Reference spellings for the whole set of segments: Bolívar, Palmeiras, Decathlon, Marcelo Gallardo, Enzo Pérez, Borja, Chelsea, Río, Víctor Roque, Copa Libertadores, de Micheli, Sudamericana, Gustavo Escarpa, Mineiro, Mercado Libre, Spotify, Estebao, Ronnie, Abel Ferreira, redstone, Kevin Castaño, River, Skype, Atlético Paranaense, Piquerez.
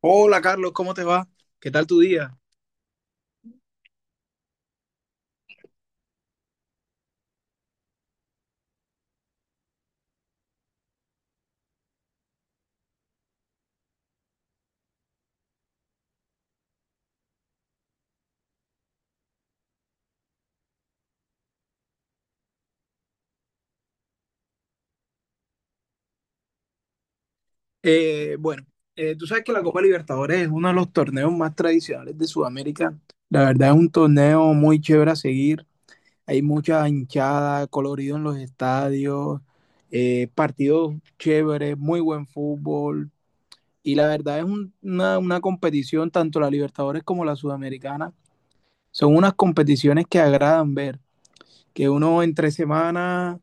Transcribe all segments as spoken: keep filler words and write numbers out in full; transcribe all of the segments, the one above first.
Hola Carlos, ¿cómo te va? ¿Qué tal tu día? Eh, bueno, eh, tú sabes que la Copa Libertadores es uno de los torneos más tradicionales de Sudamérica. La verdad es un torneo muy chévere a seguir. Hay mucha hinchada, colorido en los estadios, eh, partidos chéveres, muy buen fútbol. Y la verdad es un- una, una competición, tanto la Libertadores como la Sudamericana, son unas competiciones que agradan ver. Que uno entre semana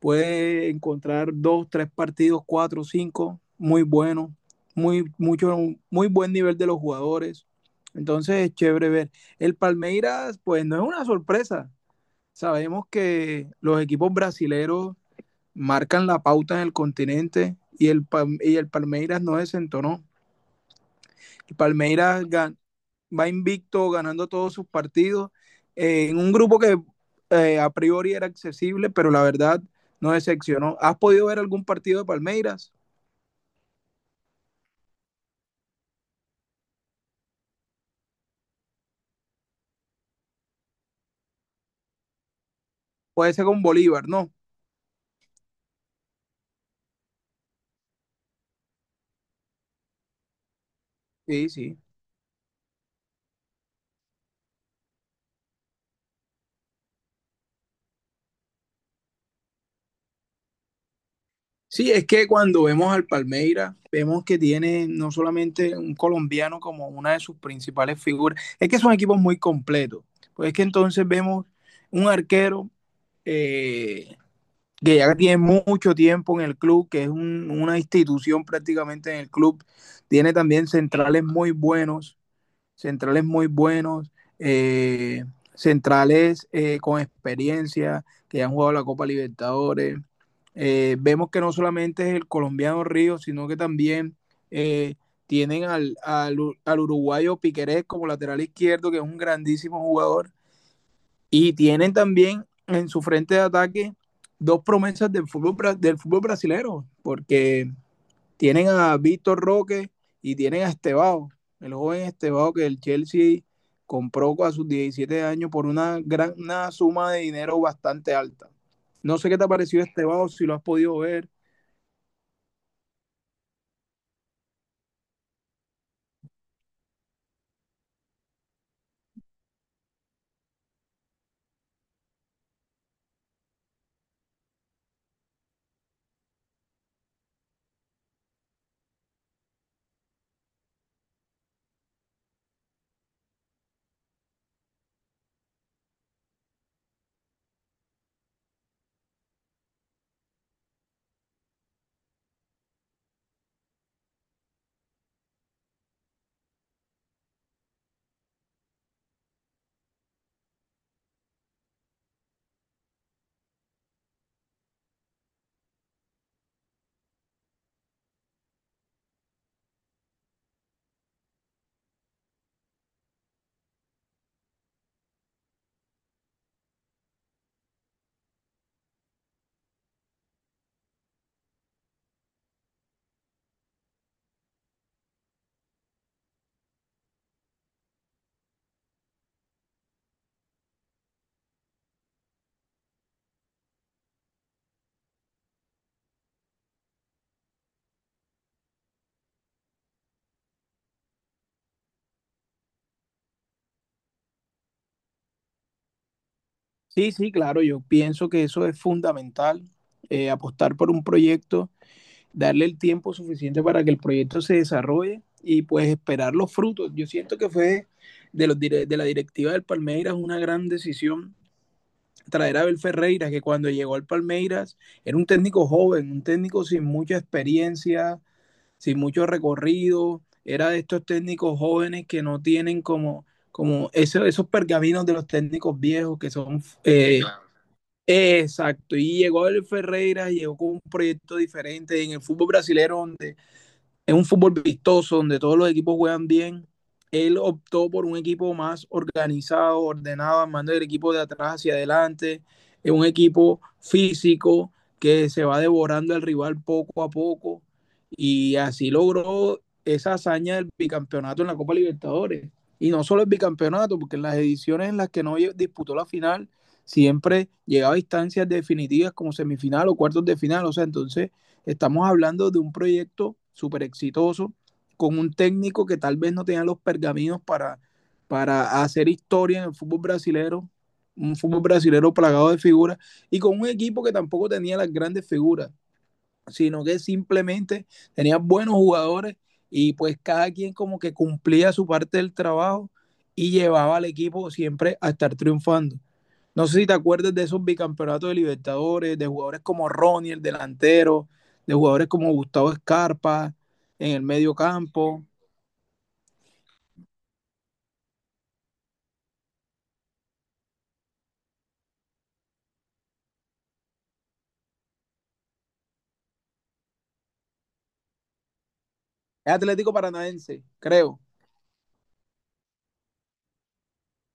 puede encontrar dos, tres partidos, cuatro, cinco, muy buenos, muy, mucho, muy buen nivel de los jugadores. Entonces es chévere ver. El Palmeiras, pues no es una sorpresa. Sabemos que los equipos brasileros marcan la pauta en el continente, y el, y el Palmeiras no desentonó. El Palmeiras gan- Va invicto ganando todos sus partidos, eh, en un grupo que eh, a priori era accesible, pero la verdad no decepcionó. ¿Has podido ver algún partido de Palmeiras? Puede ser con Bolívar, ¿no? Sí, sí. Sí, es que cuando vemos al Palmeiras, vemos que tiene no solamente un colombiano como una de sus principales figuras, es que son equipos muy completos. Pues es que entonces vemos un arquero, eh, que ya tiene mucho tiempo en el club, que es un- una institución prácticamente en el club. Tiene también centrales muy buenos, centrales muy buenos, eh, centrales eh, con experiencia, que ya han jugado la Copa Libertadores. Eh, vemos que no solamente es el colombiano Río, sino que también eh, tienen al, al, al uruguayo Piquerez como lateral izquierdo, que es un grandísimo jugador. Y tienen también en su frente de ataque dos promesas del fútbol, del fútbol brasilero, porque tienen a Víctor Roque y tienen a Estebao, el joven Estebao que el Chelsea compró a sus diecisiete años por una gran una suma de dinero bastante alta. No sé qué te ha parecido Estebao, si lo has podido ver. Sí, sí, claro, yo pienso que eso es fundamental, eh, apostar por un proyecto, darle el tiempo suficiente para que el proyecto se desarrolle y pues esperar los frutos. Yo siento que fue de, los, de la directiva del Palmeiras una gran decisión traer a Abel Ferreira, que cuando llegó al Palmeiras era un técnico joven, un técnico sin mucha experiencia, sin mucho recorrido, era de estos técnicos jóvenes que no tienen como, como eso- esos pergaminos de los técnicos viejos que son... Eh, claro. Exacto, y llegó el Ferreira, llegó con un proyecto diferente en el fútbol brasileño, donde es un fútbol vistoso donde todos los equipos juegan bien. Él optó por un equipo más organizado, ordenado, armando el equipo de atrás hacia adelante. Es un equipo físico que se va devorando al rival poco a poco. Y así logró esa hazaña del bicampeonato en la Copa Libertadores. Y no solo el bicampeonato, porque en las ediciones en las que no disputó la final, siempre llegaba a instancias definitivas como semifinal o cuartos de final. O sea, entonces estamos hablando de un proyecto súper exitoso con un técnico que tal vez no tenía los pergaminos para, para hacer historia en el fútbol brasilero, un fútbol brasilero plagado de figuras y con un equipo que tampoco tenía las grandes figuras, sino que simplemente tenía buenos jugadores y pues cada quien como que cumplía su parte del trabajo y llevaba al equipo siempre a estar triunfando. No sé si te acuerdas de esos bicampeonatos de Libertadores, de jugadores como Ronnie, el delantero, de jugadores como Gustavo Escarpa en el medio campo. Es Atlético Paranaense, creo.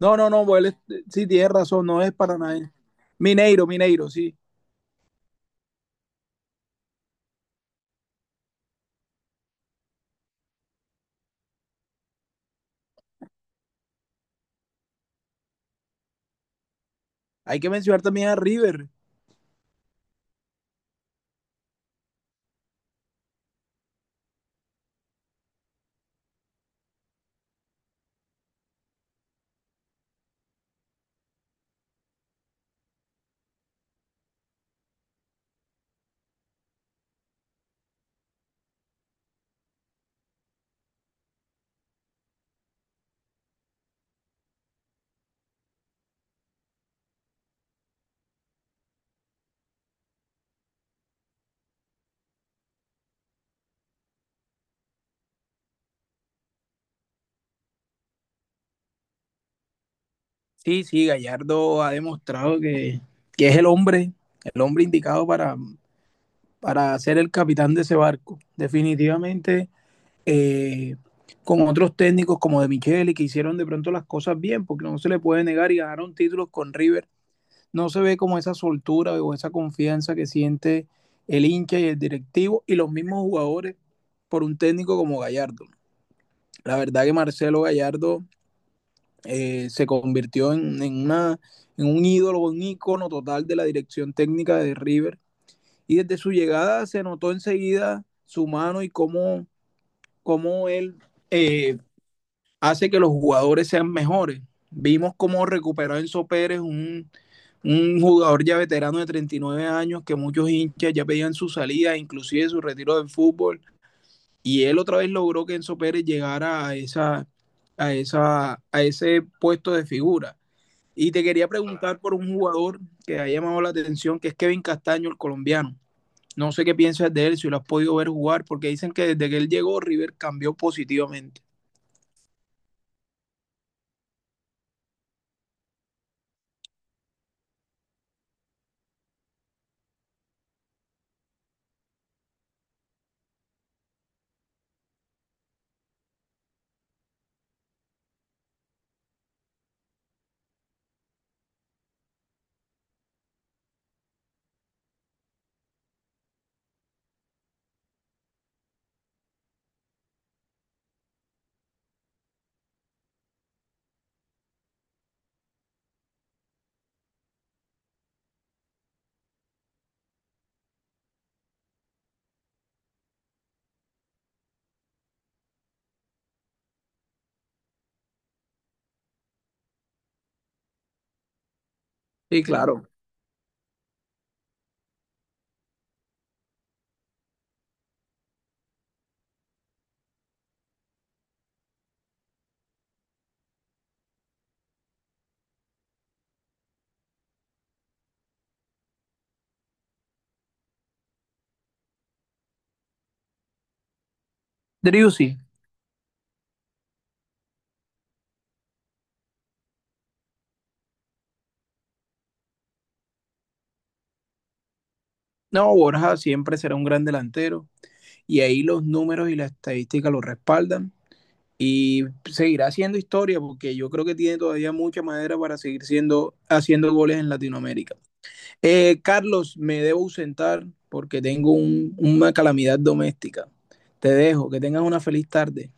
No, no, no, pues él es- sí, tienes razón, no es Paranaense. Mineiro, Mineiro, sí. Hay que mencionar también a River. Sí, sí, Gallardo ha demostrado que, que es el hombre, el hombre indicado para, para ser el capitán de ese barco. Definitivamente, eh, con otros técnicos como de Micheli, que hicieron de pronto las cosas bien, porque no se le puede negar y ganaron títulos con River. No se ve como esa soltura o esa confianza que siente el hincha y el directivo y los mismos jugadores por un técnico como Gallardo. La verdad que Marcelo Gallardo eh, se convirtió en, en, una, en un ídolo, un ícono total de la dirección técnica de River. Y desde su llegada se notó enseguida su mano y cómo, cómo él eh, hace que los jugadores sean mejores. Vimos cómo recuperó a Enzo Pérez, un, un jugador ya veterano de treinta y nueve años, que muchos hinchas ya pedían su salida, inclusive su retiro del fútbol. Y él otra vez logró que Enzo Pérez llegara a, esa, a, esa, a ese puesto de figura. Y te quería preguntar por un jugador que ha llamado la atención, que es Kevin Castaño, el colombiano. No sé qué piensas de él, si lo has podido ver jugar, porque dicen que desde que él llegó, River cambió positivamente. Sí, claro. Driussi. No, Borja siempre será un gran delantero y ahí los números y la estadística lo respaldan y seguirá haciendo historia porque yo creo que tiene todavía mucha madera para seguir siendo, haciendo goles en Latinoamérica. Eh, Carlos, me debo ausentar porque tengo un- una calamidad doméstica. Te dejo, que tengas una feliz tarde.